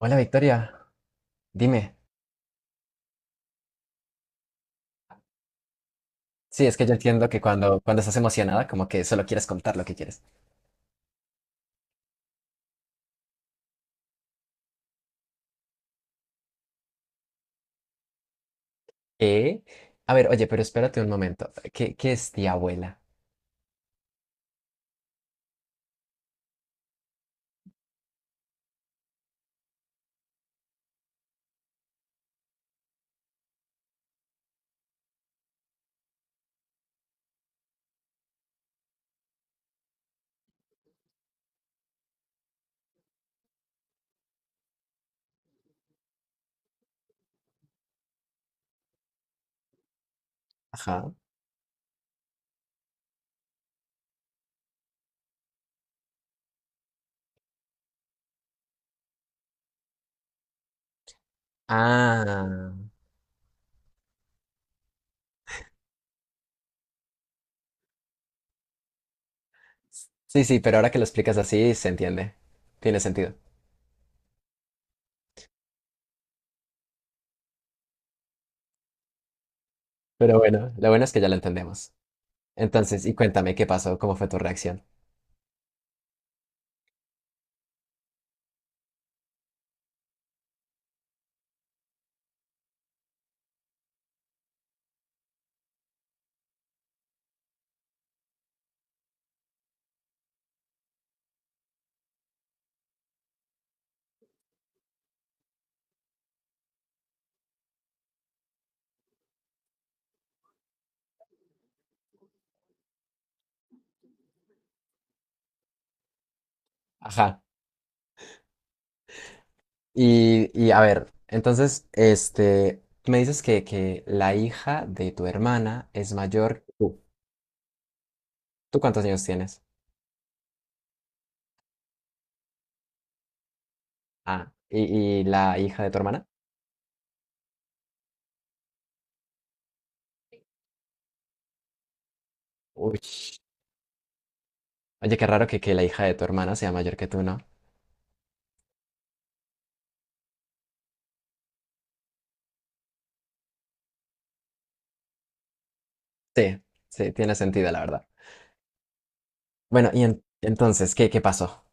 Hola Victoria, dime. Sí, es que yo entiendo que cuando estás emocionada, como que solo quieres contar lo que quieres. ¿Qué? A ver, oye, pero espérate un momento. ¿Qué es tía abuela? Ajá. Ah. Sí, sí, pero ahora que lo explicas así, se entiende. Tiene sentido. Pero bueno, lo bueno es que ya lo entendemos. Entonces, y cuéntame, ¿qué pasó? ¿Cómo fue tu reacción? Ajá. Y a ver, entonces, este, me dices que la hija de tu hermana es mayor que tú. ¿Tú cuántos años tienes? Ah, ¿y la hija de tu hermana? Uy, oye, qué raro que la hija de tu hermana sea mayor que tú, ¿no? Sí, sí, tiene sentido, la verdad. Bueno, entonces, ¿qué pasó?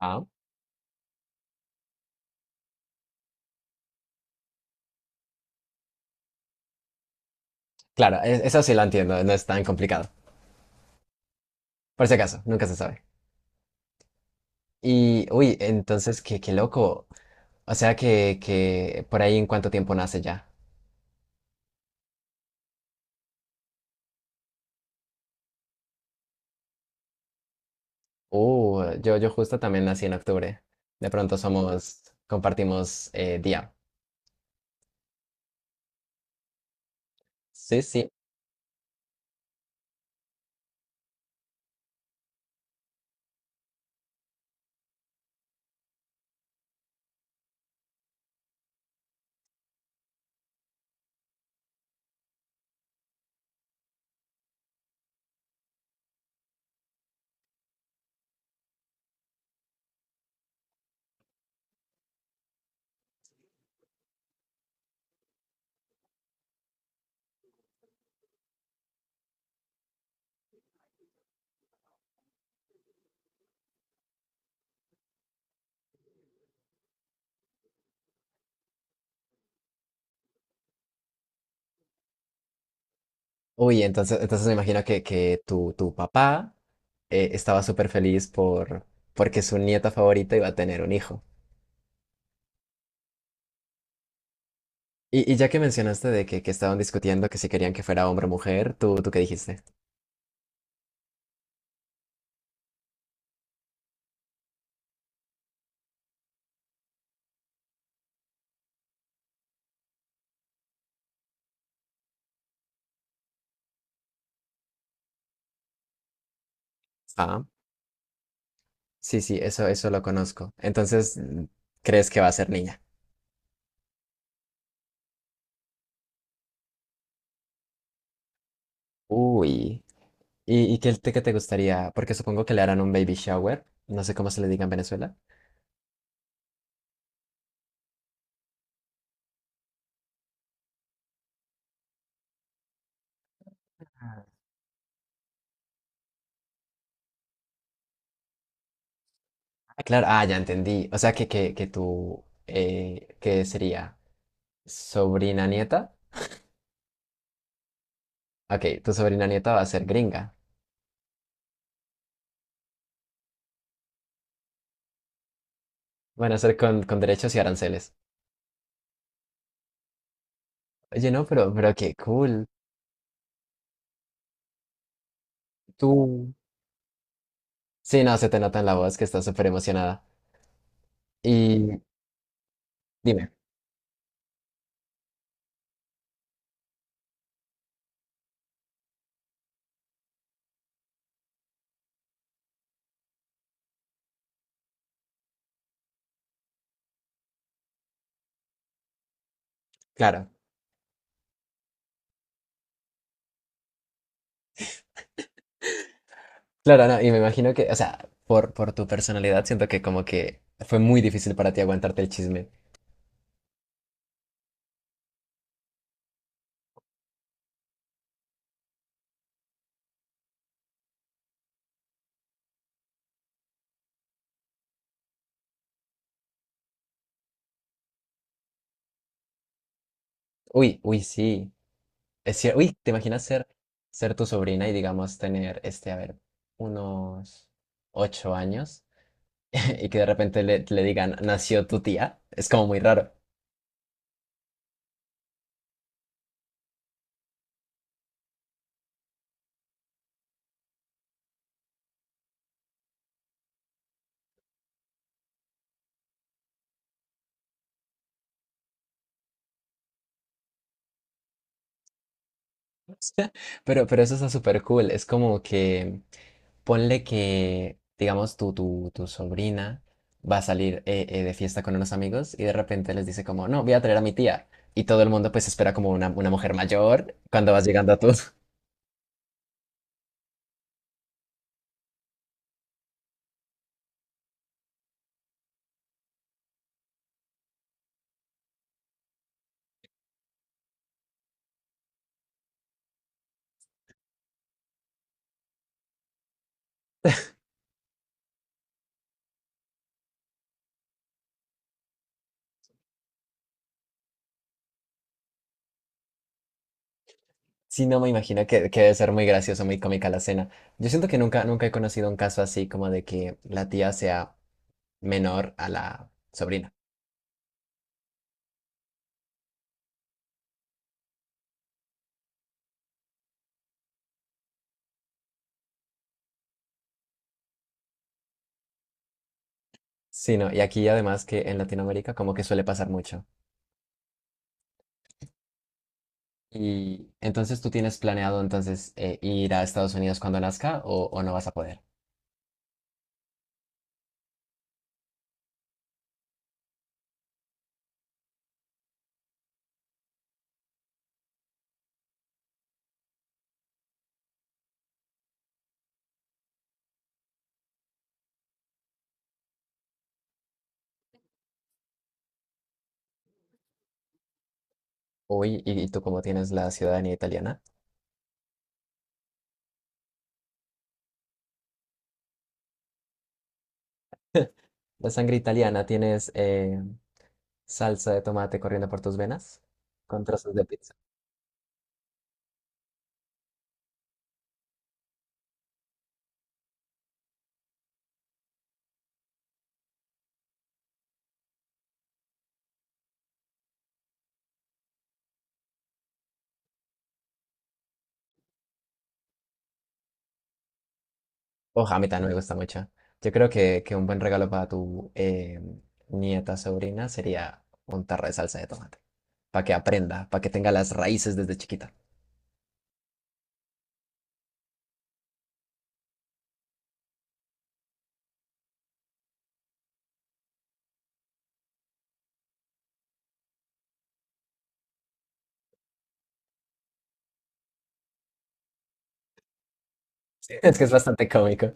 Ah, claro, eso sí lo entiendo, no es tan complicado. Por si acaso, nunca se sabe. Y, uy, entonces, qué loco. O sea que por ahí en cuánto tiempo nace ya. Yo justo también nací en octubre. De pronto somos, compartimos día. Sí, sí. Uy, entonces, entonces me imagino que tu papá estaba súper feliz por, porque su nieta favorita iba a tener un hijo. Y ya que mencionaste de que estaban discutiendo que si querían que fuera hombre o mujer, ¿tú qué dijiste? Ah, sí, sí, eso lo conozco. Entonces, mm, ¿crees que va a ser niña? Uy. ¿Y qué te gustaría? Porque supongo que le harán un baby shower. No sé cómo se le diga en Venezuela. Ah, claro, ah, ya entendí. O sea, que tu, ¿qué sería? ¿Sobrina nieta? Ok, tu sobrina nieta va a ser gringa. Van a ser con derechos y aranceles. Oye, no, pero qué cool. Tú. Sí, no, se te nota en la voz que estás súper emocionada. Y dime, claro. Claro, no, y me imagino que, o sea, por tu personalidad siento que como que fue muy difícil para ti aguantarte el chisme. Uy, uy, sí. Es cierto. Uy, ¿te imaginas ser, ser tu sobrina y digamos tener, este, a ver, unos 8 años y que de repente le, le digan, nació tu tía? Es como muy raro. Pero eso está súper cool. Es como que ponle que, digamos, tu sobrina va a salir de fiesta con unos amigos y de repente les dice como, no, voy a traer a mi tía. Y todo el mundo pues espera como una mujer mayor cuando vas llegando a tú. Sí, no me imagino que debe ser muy gracioso, muy cómica la escena. Yo siento que nunca, nunca he conocido un caso así como de que la tía sea menor a la sobrina. Sí, no, y aquí además que en Latinoamérica como que suele pasar mucho. Y entonces tú tienes planeado entonces ir a Estados Unidos cuando nazca o no vas a poder. Uy, y tú cómo tienes la ciudadanía italiana, la sangre italiana, tienes salsa de tomate corriendo por tus venas con trozos de pizza. Oh, a mí también me gusta mucho. Yo creo que un buen regalo para tu nieta, sobrina, sería un tarro de salsa de tomate. Para que aprenda, para que tenga las raíces desde chiquita. Es que es bastante cómico.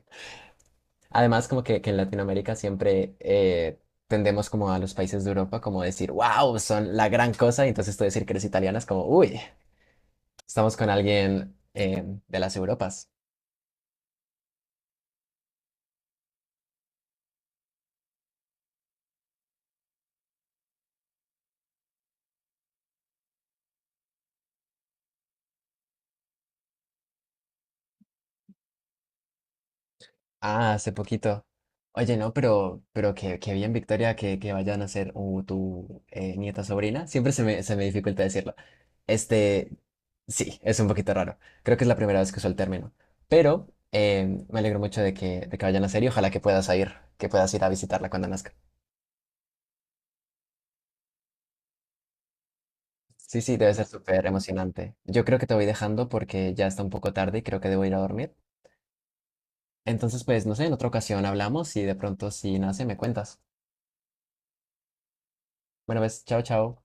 Además, como que en Latinoamérica siempre tendemos como a los países de Europa como decir, wow, son la gran cosa. Y entonces tú decir que eres italiana es como, uy, estamos con alguien de las Europas. Ah, hace poquito. Oye, no, pero que bien, Victoria, que vayan a ser tu nieta sobrina. Siempre se me dificulta decirlo. Este, sí, es un poquito raro. Creo que es la primera vez que uso el término. Pero me alegro mucho de que vayan a ser y ojalá que puedas ir a visitarla cuando nazca. Sí, sí, debe ser súper emocionante. Yo creo que te voy dejando porque ya está un poco tarde y creo que debo ir a dormir. Entonces, pues, no sé, en otra ocasión hablamos y de pronto si nace me cuentas. Bueno, ves, chao, chao.